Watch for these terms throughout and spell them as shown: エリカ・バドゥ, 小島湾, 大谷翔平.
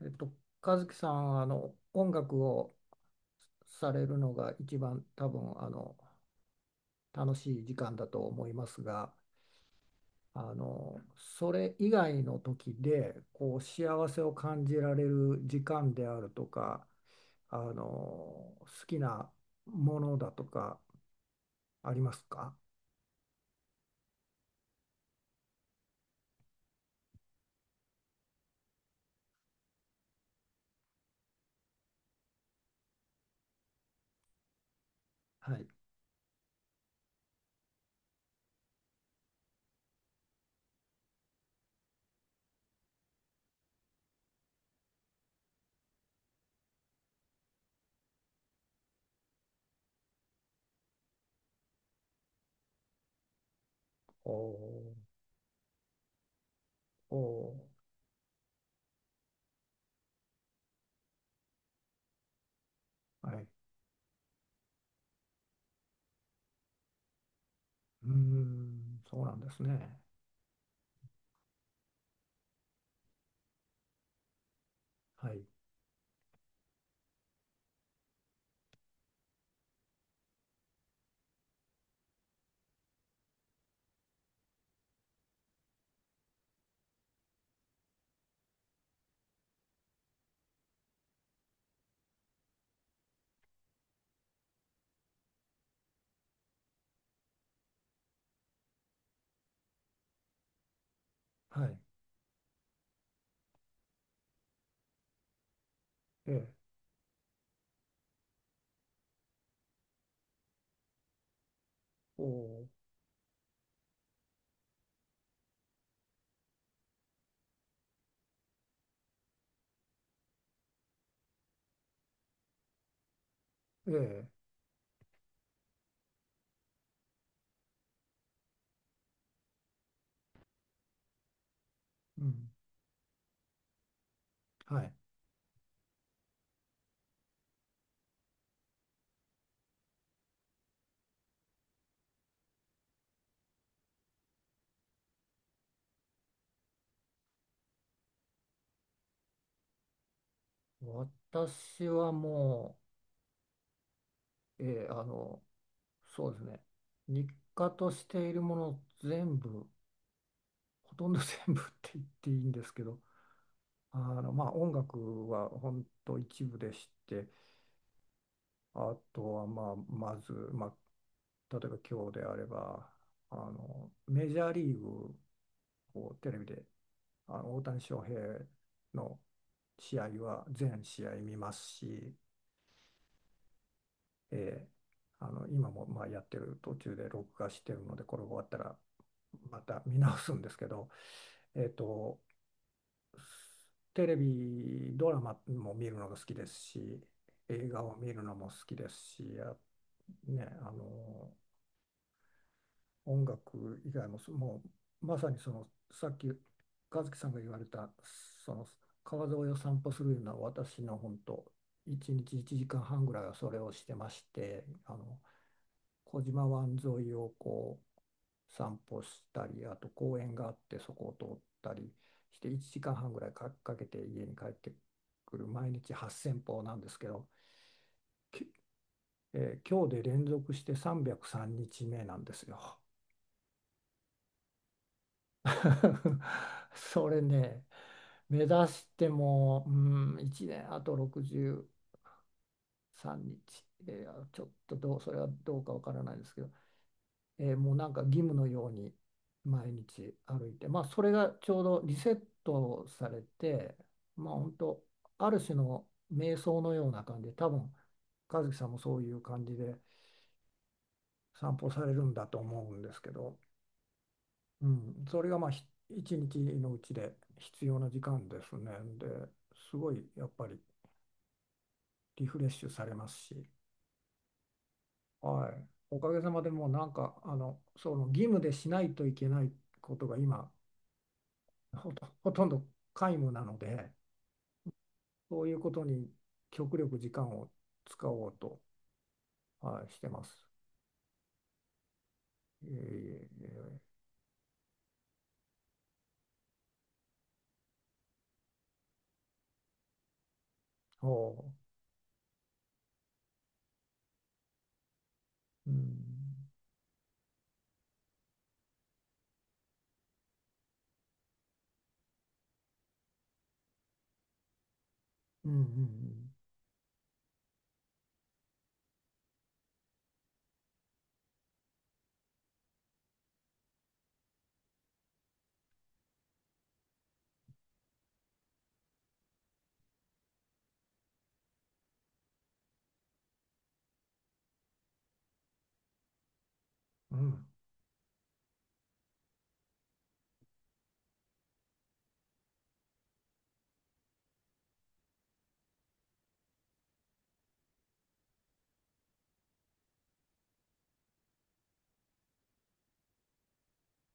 えっと、和樹さん、音楽をされるのが一番多分、楽しい時間だと思いますが、それ以外の時で、幸せを感じられる時間であるとか、好きなものだとか、ありますか？はい。おー、おー、はい。うーん、そうなんですね。はい。はい。ええ。おー、ええ。うん。はい。私はもう、そうですね、日課としているもの全部、ほとんど全部 って言っていいんですけど、まあ、音楽は本当一部でして、あとは、まあ、まず、まあ、例えば今日であれば、メジャーリーグをテレビで、大谷翔平の試合は全試合見ますし、えー今もまあやってる途中で録画してるのでこれ終わったらまた見直すんですけど、えーと、テレビドラマも見るのが好きですし、映画を見るのも好きですし、あ、ね、音楽以外もそもうまさにそのさっき和樹さんが言われたその川沿いを散歩するような私の本当1日1時間半ぐらいはそれをしてまして、小島湾沿いをこう散歩したり、あと公園があってそこを通ったりして1時間半ぐらいか、かけて家に帰ってくる毎日8000歩なんですけど、きえー今日で連続して303日目なんですよ。それね、目指しても、うん、1年あと63日、ちょっとどう、それはどうかわからないですけど、もうなんか義務のように毎日歩いて、まあ、それがちょうどリセットされて、まあ、本当ある種の瞑想のような感じで多分和樹さんもそういう感じで散歩されるんだと思うんですけど、うん、それがまあ一日のうちで必要な時間ですね。で、すごいやっぱりリフレッシュされますし、はい、おかげさまでもうなんかその義務でしないといけないことが今ほとんど皆無なので、そういうことに極力時間を使おうと、はい、してます。ええ、ほう、うん、うん、うん、うん。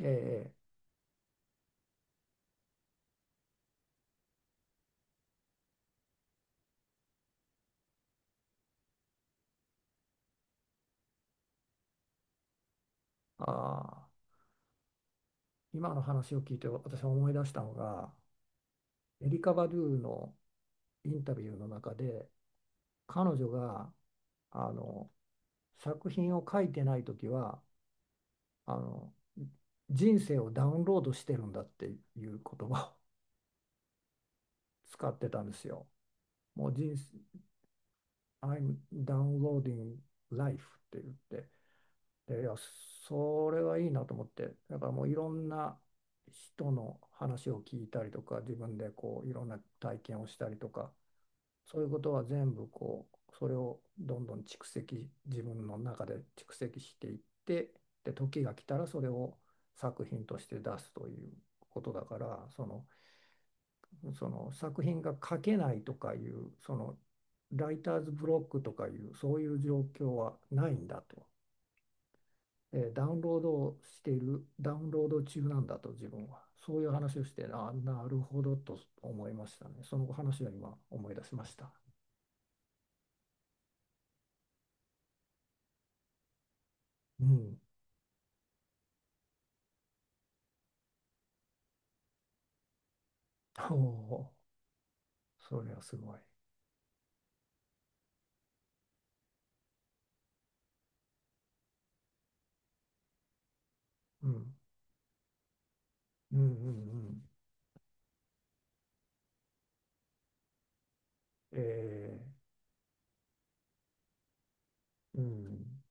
ええ、ああ、今の話を聞いて私は思い出したのが、エリカ・バドゥのインタビューの中で、彼女が、あの、作品を書いてない時は、あの、人生をダウンロードしてるんだっていう言葉を使ってたんですよ。もう人生、I'm downloading life って言って、で、いや、それはいいなと思って、だからもういろんな人の話を聞いたりとか、自分でこういろんな体験をしたりとか、そういうことは全部こう、それをどんどん蓄積、自分の中で蓄積していって、で、時が来たらそれを作品として出すということだから、その作品が書けないとかいうそのライターズブロックとかいうそういう状況はないんだと、ダウンロードをしているダウンロード中なんだと自分はそういう話をして、なるほどと思いましたね。その話は今思い出しました。うん。 おお、それはすごい、うん、うん、うん、うん、えうん、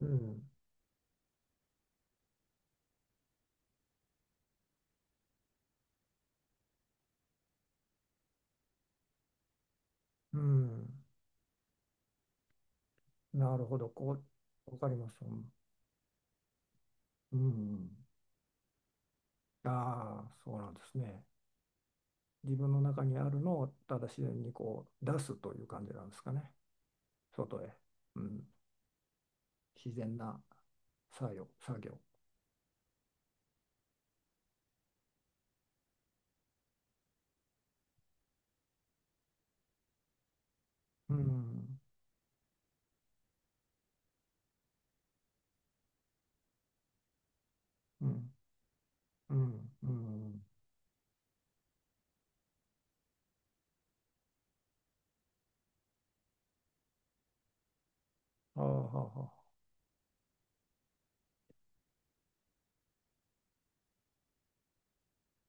うん、うん、なるほど、こうわかります、うん、うん、ああ、そうなんですね。自分の中にあるのをただ自然にこう出すという感じなんですかね。外へ。うん。自然な作業、作業。うん。うん。うん。うん。ああ、はあは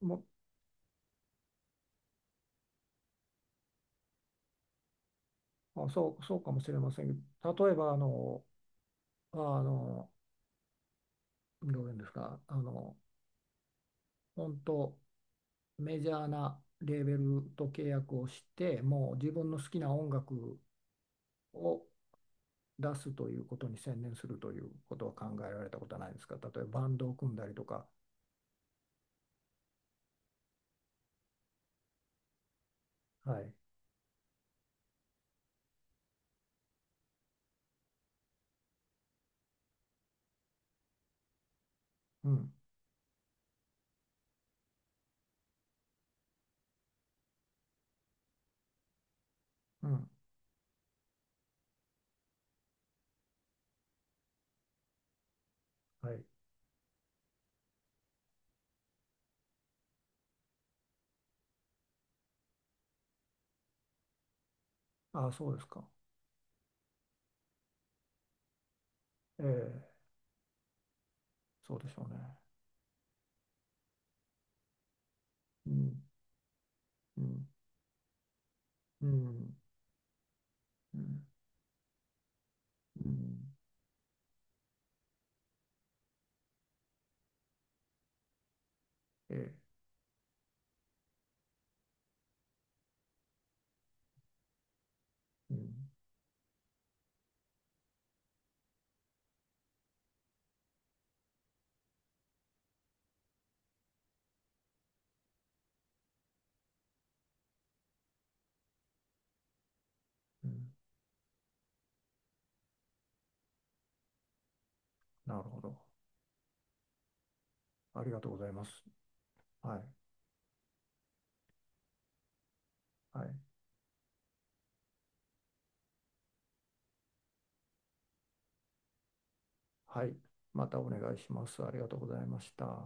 あ、そう、そうかもしれませんけど、例えば、あの、どういうんですか、本当メジャーなレーベルと契約をして、もう自分の好きな音楽を出すということに専念するということは考えられたことはないですか？例えばバンドを組んだりとか。はい。うん。うん。はい。ああ、そうですか。ええ、そうでしょうね。うん。うん。うん。うん。うん、ええ。うん。うん。なるほど。ありがとうございます。はい。はい。はい。またお願いします。ありがとうございました。